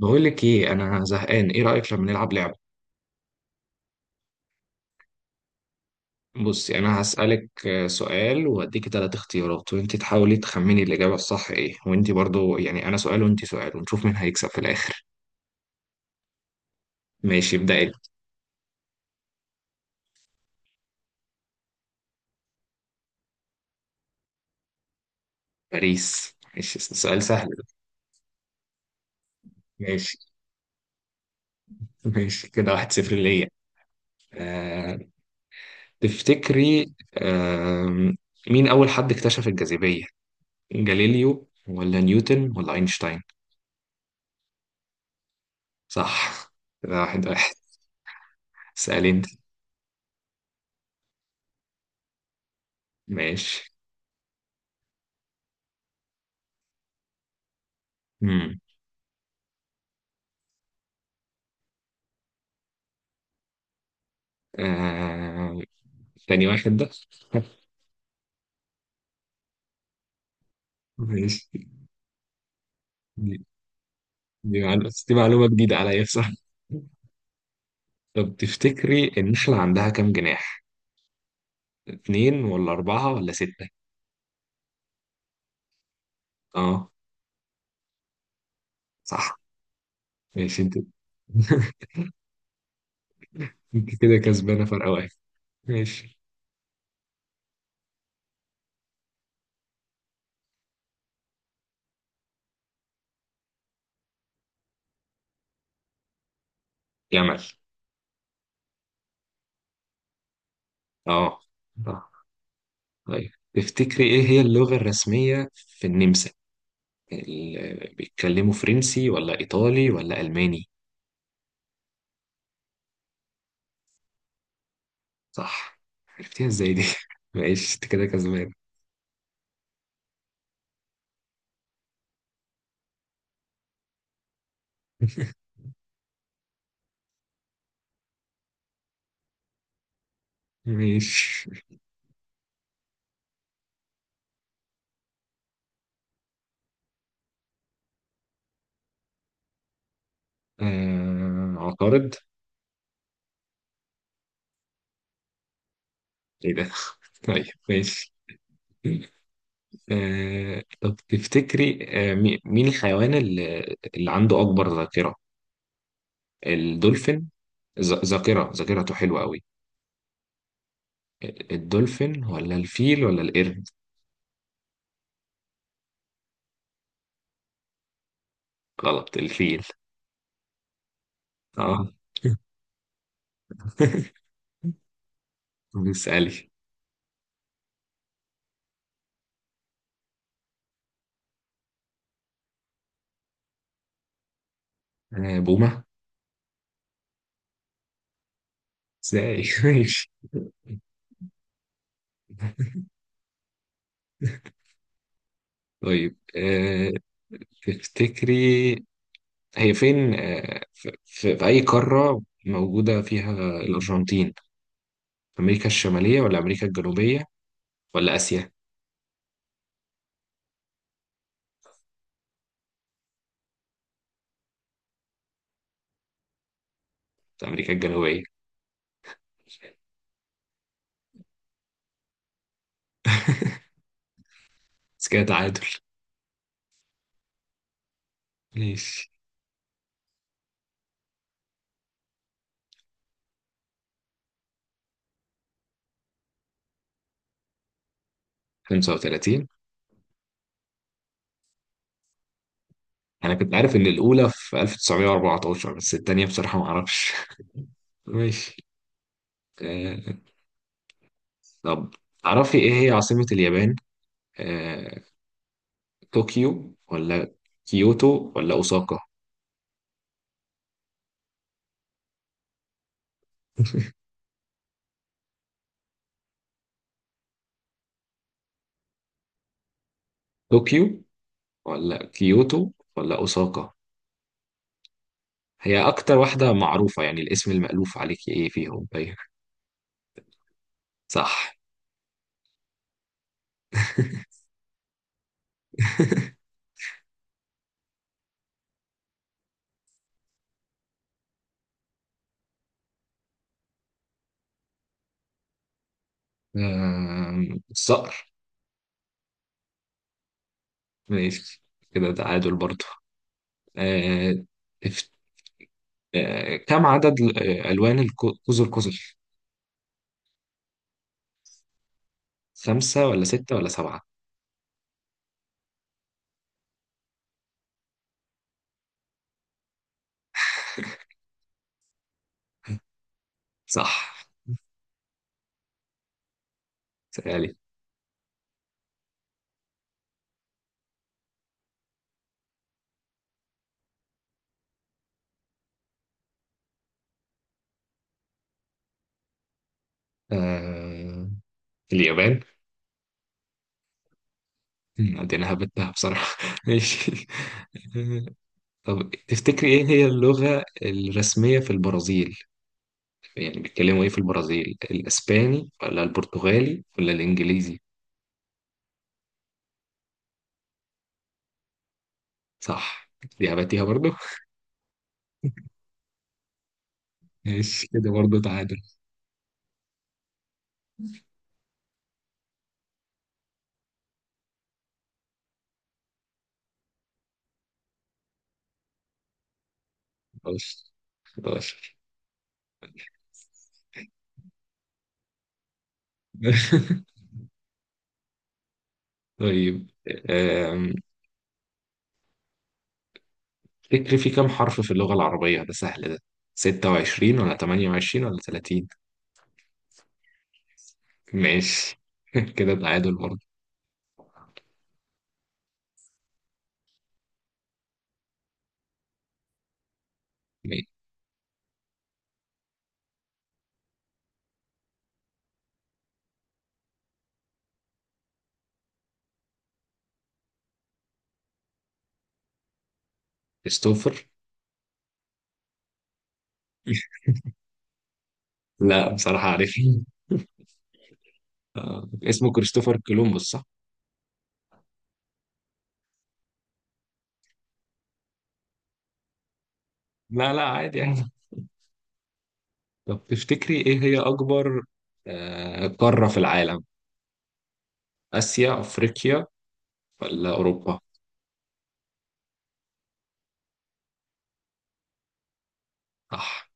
بقول لك ايه، انا زهقان. ايه رايك لما نلعب لعبه؟ بصي، انا هسالك سؤال واديك ثلاث اختيارات وانت تحاولي تخمني الاجابه الصح ايه، وانت برضو، يعني انا سؤال وانت سؤال ونشوف مين هيكسب في الاخر. ماشي، ابدأي. باريس. ماشي، سؤال سهل ده. ماشي، ماشي، كده واحد صفر ليا. آه، تفتكري مين اول حد اكتشف الجاذبيه؟ جاليليو ولا نيوتن ولا اينشتاين؟ صح. كده واحد واحد. سأل انت. ماشي. آه... تاني واحد ده. ماشي. دي دي معلومة، بس دي معلومة جديدة عليا بصراحة. طب تفتكري النحلة عندها كام جناح؟ اتنين ولا أربعة ولا ستة؟ اه. صح. ماشي، انت انت كده كسبانة فرق واحد. ماشي. جمل. اه، اه. طيب تفتكري ايه هي اللغة الرسمية في النمسا؟ بيتكلموا فرنسي ولا إيطالي ولا ألماني؟ صح. عرفتيها ازاي دي؟ ماشي، انت كده كسبانة. ماشي. عقارب. ايه ده؟ طيب، ماشي. طب تفتكري، مين الحيوان اللي عنده أكبر ذاكرة؟ الدولفين. ذ- ذاكرة ذاكرته حلوة قوي. الدولفين ولا الفيل ولا القرد؟ غلط، الفيل. اه. بيسألي. بومة. ازاي؟ ماشي. طيب. تفتكري هي فين، في أي قارة موجودة فيها الأرجنتين؟ أمريكا الشمالية ولا أمريكا الجنوبية ولا آسيا؟ أمريكا الجنوبية. بس كده تعادل. ماشي. 35. أنا كنت عارف إن الأولى في 1914، بس التانية بصراحة ما أعرفش. ماشي. آه، طب تعرفي إيه هي عاصمة اليابان؟ آه، طوكيو ولا كيوتو ولا أوساكا؟ طوكيو ولا كيوتو ولا أوساكا، هي أكتر واحدة معروفة؟ يعني الاسم المألوف عليك إيه فيهم؟ طيب. صح. الصقر. ماشي، كده تعادل برضه. آه، تف- كم عدد ألوان قوس القزح؟ خمسة ولا ستة ولا سبعة؟ صح. سألي. آه، اليابان. دي أنا هبتها بصراحة. ماشي. آه، طب تفتكري إيه هي اللغة الرسمية في البرازيل؟ يعني بيتكلموا ايه في البرازيل، الاسباني ولا البرتغالي ولا الانجليزي؟ صح. دي هبتيها برضو. ماشي، كده برضو تعادل. 11. 11. طيب. أم، تفتكري في كام حرف في اللغة العربية؟ ده سهل ده. 26 ولا 28 ولا 30؟ ماشي. كده تعادل برضه. ماشي. كريستوفر. لا، بصراحة عارف. اسمه كريستوفر كولومبوس صح؟ لا، لا، عادي. يعني، طب تفتكري إيه هي أكبر قارة في العالم؟ آسيا، أفريقيا، ولا أوروبا؟ صح.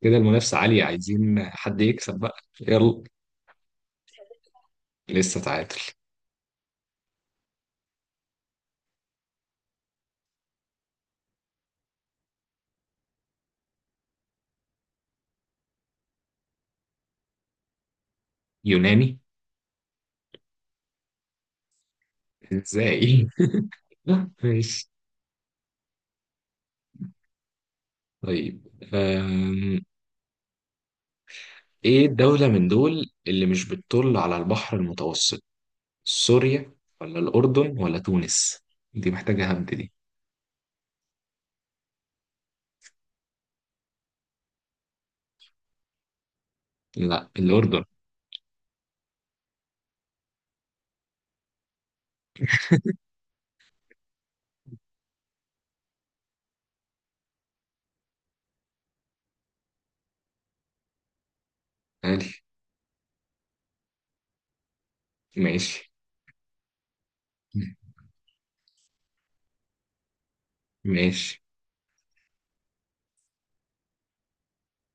كده المنافسة عالية، عايزين حد يكسب بقى، يلا. لسه تعادل. يوناني. إزاي؟ ماشي. طيب. آم، إيه الدولة من دول اللي مش بتطل على البحر المتوسط؟ سوريا ولا الأردن ولا تونس؟ دي محتاجة هبد دي. لا، الأردن. قال. ماشي، ماشي،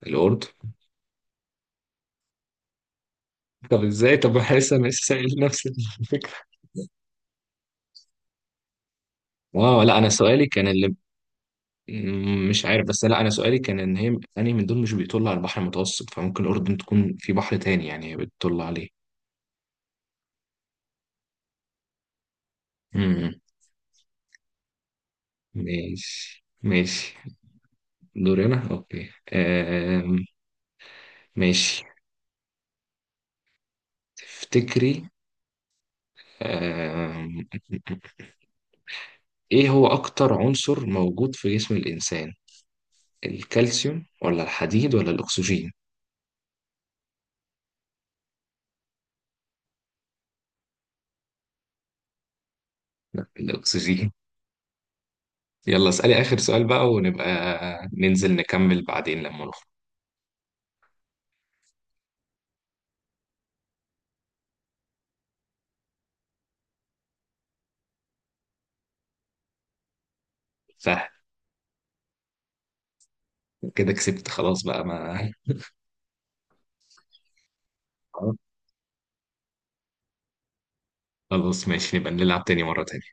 الأردن. طب ازاي؟ طب حاسس انا لسه سائل نفس الفكره. اه، لا، انا سؤالي كان اللي، مش عارف. بس لا، انا سؤالي كان ان هي انهي من دول مش بيطل على البحر المتوسط، فممكن الاردن تكون في بحر تاني يعني هي بتطل عليه. امم. ماشي، ماشي. دوري انا، اوكي. ماشي. تفتكري آم. ايه هو اكتر عنصر موجود في جسم الانسان؟ الكالسيوم ولا الحديد ولا الاكسجين؟ الاكسجين. يلا اسألي آخر سؤال بقى، ونبقى ننزل نكمل بعدين لما نخرج. صح. كده كسبت خلاص بقى ما. خلاص، ماشي، نبقى نلعب تاني مرة تاني.